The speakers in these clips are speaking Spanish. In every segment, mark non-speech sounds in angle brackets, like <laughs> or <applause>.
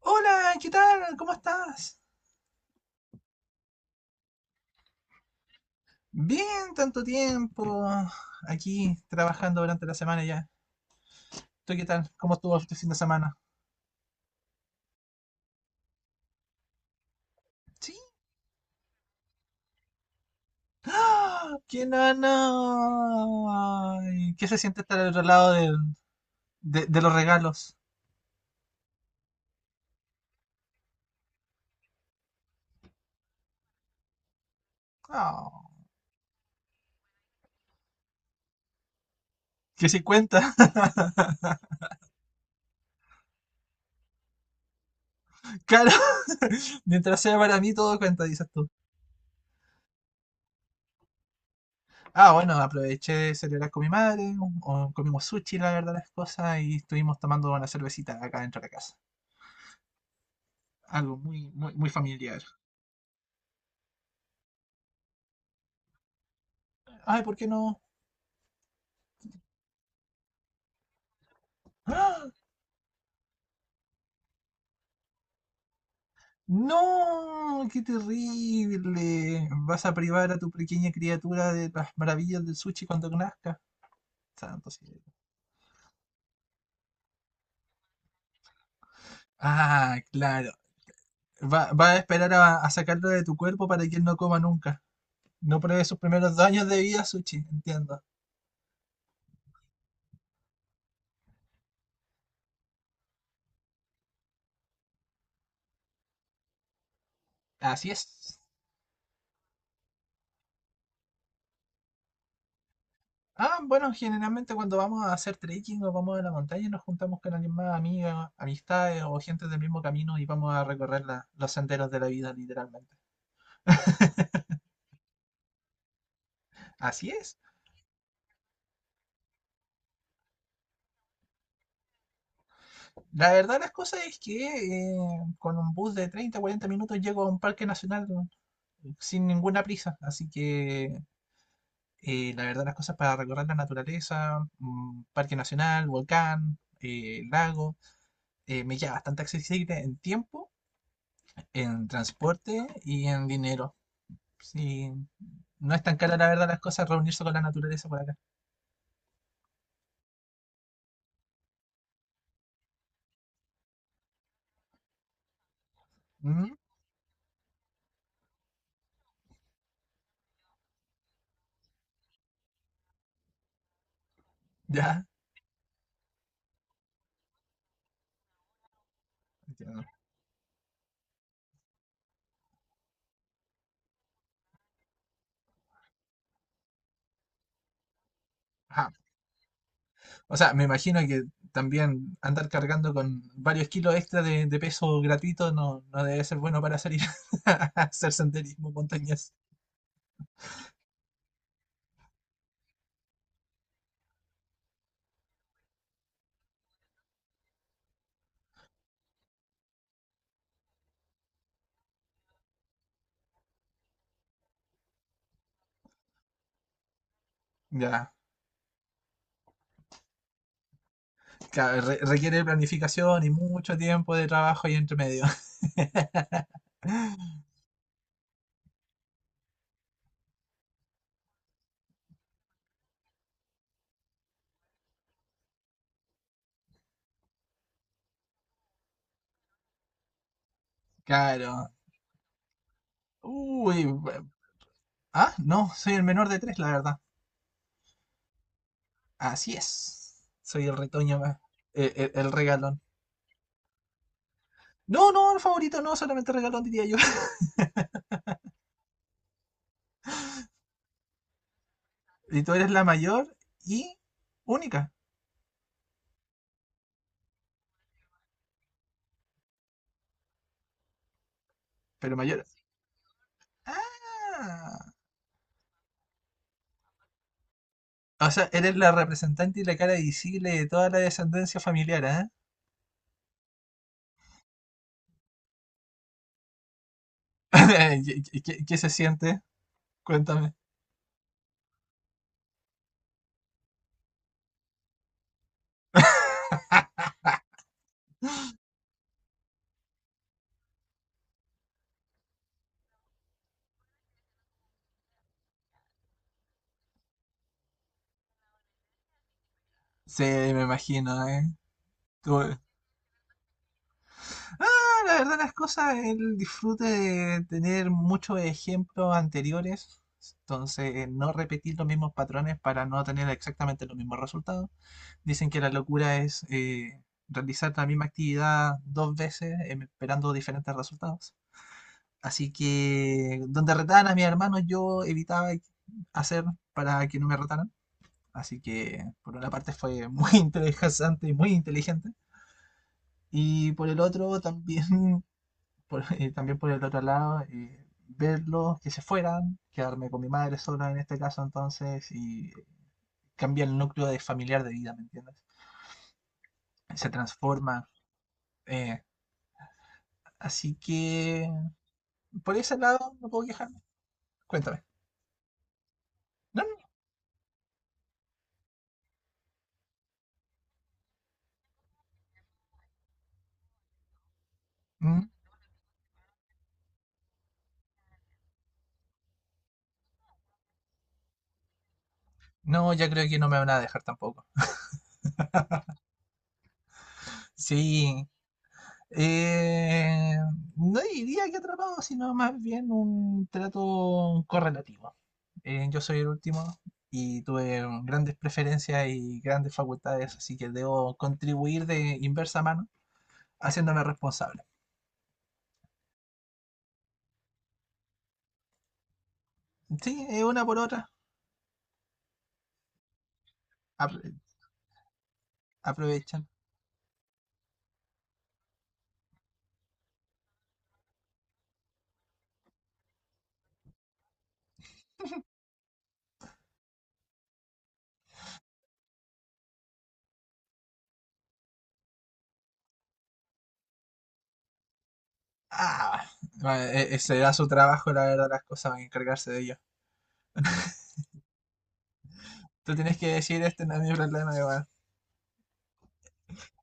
Hola, ¿qué tal? ¿Cómo estás? Bien, tanto tiempo. Aquí trabajando durante la semana ya. ¿Tú qué tal? ¿Cómo estuvo este fin de semana? Sí. ¡Ah! ¡Qué nana! Ay, ¿qué se siente estar al otro lado de los regalos? Ah, que sí cuenta. <laughs> Claro, <laughs> mientras sea para mí todo cuenta, dices tú. Ah, bueno, aproveché de celebrar con mi madre, o comimos sushi, la verdad, las cosas, y estuvimos tomando una cervecita acá dentro de la casa. Algo muy, muy, muy familiar. Ay, ¿por qué no? ¡Ah! ¡No! ¡Qué terrible! Vas a privar a tu pequeña criatura de las maravillas del sushi cuando nazca. Santo cielo. Ah, claro. Va, va a esperar a sacarlo de tu cuerpo para que él no coma nunca. No pruebe sus primeros 2 años de vida, sushi. Entiendo. Así es. Ah, bueno, generalmente cuando vamos a hacer trekking o vamos a la montaña nos juntamos con alguien más, amigas, amistades o gente del mismo camino y vamos a recorrer los senderos de la vida, literalmente. Así es. La verdad las cosas es que con un bus de 30, 40 minutos llego a un parque nacional, ¿no? Sin ninguna prisa. Así que la verdad las cosas para recorrer la naturaleza, parque nacional, volcán, lago, me queda bastante accesible en tiempo, en transporte y en dinero. Sí, no es tan cara la verdad las cosas reunirse con la naturaleza por acá. Mm. Ya, entiendo. Ajá. O sea, me imagino que también andar cargando con varios kilos extra de peso gratuito no, no debe ser bueno para salir <laughs> a hacer senderismo, montañas. Ya, claro, requiere planificación y mucho tiempo de trabajo ahí entre medio. <laughs> Claro. Uy, ah, no, soy el menor de tres, la verdad. Así es. Soy el retoño más, el, regalón. No, no, favorito no, solamente regalón diría yo. <laughs> Y tú eres la mayor y única, pero mayor. Ah. O sea, eres la representante y la cara visible de toda la descendencia familiar, ¿eh? <laughs> ¿Qué, qué se siente? Cuéntame. Sí, me imagino, ¿eh? Tú. No, la verdad, las cosas, el disfrute de tener muchos ejemplos anteriores, entonces no repetir los mismos patrones para no tener exactamente los mismos resultados. Dicen que la locura es realizar la misma actividad 2 veces esperando diferentes resultados. Así que donde retaban a mis hermanos yo evitaba hacer para que no me retaran. Así que por una parte fue muy <laughs> interesante y muy inteligente. Y por el otro también, <laughs> por, también por el otro lado, verlos que se fueran, quedarme con mi madre sola en este caso, entonces, y cambia el núcleo de familiar de vida, ¿me entiendes? Se transforma, eh, así que por ese lado no puedo quejarme. Cuéntame. No, no, mm, no, ya creo que no me van a dejar tampoco. Sí. eh, no diría que atrapado, sino más bien un trato correlativo. Yo soy el último y tuve grandes preferencias y grandes facultades, así que debo contribuir de inversa mano, haciéndome responsable. Sí, es una por otra. Aprovechan. Ah, bueno, ese era su trabajo, la verdad, las cosas, van a encargarse de ellos. Tú tienes que decir, este no es mi problema, y bueno,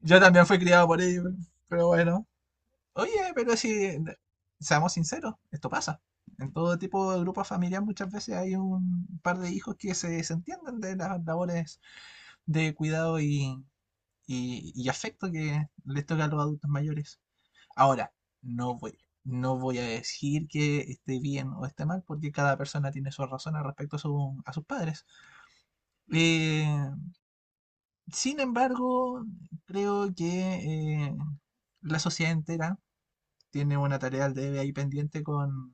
yo también fui criado por ellos, pero bueno. Oye, pero si, seamos sinceros, esto pasa. En todo tipo de grupos familiares muchas veces hay un par de hijos que se desentienden de las labores de cuidado y, y afecto que les toca a los adultos mayores. Ahora, no voy, no voy a decir que esté bien o esté mal, porque cada persona tiene sus razones respecto a, a sus padres. Eh, sin embargo, creo que la sociedad entera tiene una tarea al debe ahí pendiente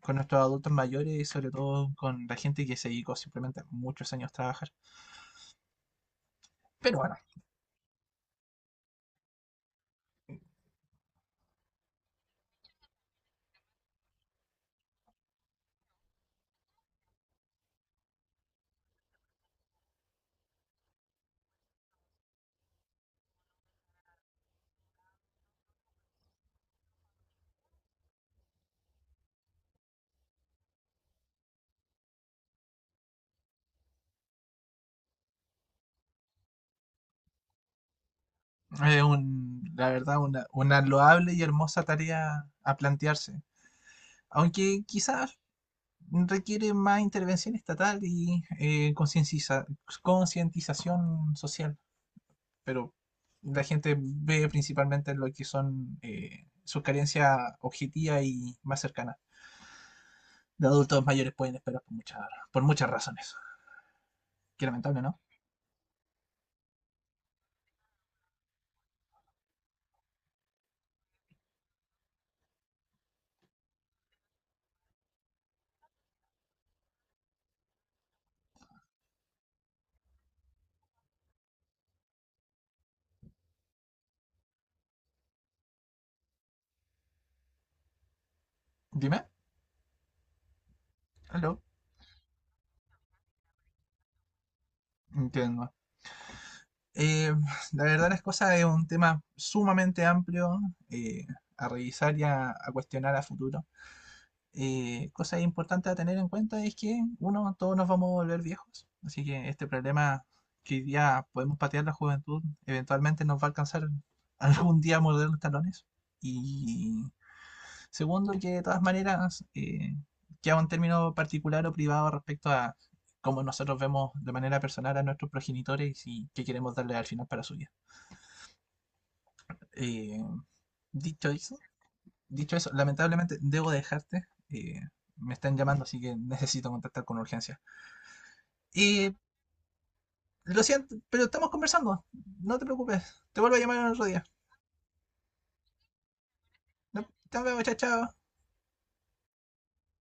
con nuestros adultos mayores y sobre todo con la gente que se dedicó simplemente muchos años a trabajar. Pero bueno, es la verdad una loable y hermosa tarea a plantearse. Aunque quizás requiere más intervención estatal y concientización social, pero la gente ve principalmente lo que son sus carencias objetivas y más cercanas. Los adultos mayores pueden esperar por muchas razones. Qué lamentable, ¿no? Dime. Aló. Entiendo. Eh, la verdad las cosas es un tema sumamente amplio eh, a revisar y a cuestionar a futuro. Cosa importante a tener en cuenta es que, uno, todos nos vamos a volver viejos, así que este problema que hoy día podemos patear la juventud, eventualmente nos va a alcanzar <laughs> algún día a morder los talones. Y segundo, que de todas maneras queda un término particular o privado respecto a cómo nosotros vemos de manera personal a nuestros progenitores y qué queremos darle al final para su vida. Eh, dicho eso, dicho eso, lamentablemente debo dejarte. Me están llamando, así que necesito contactar con urgencia. Y lo siento, pero estamos conversando. No te preocupes. Te vuelvo a llamar en otro día. No, te veo, chao, chao.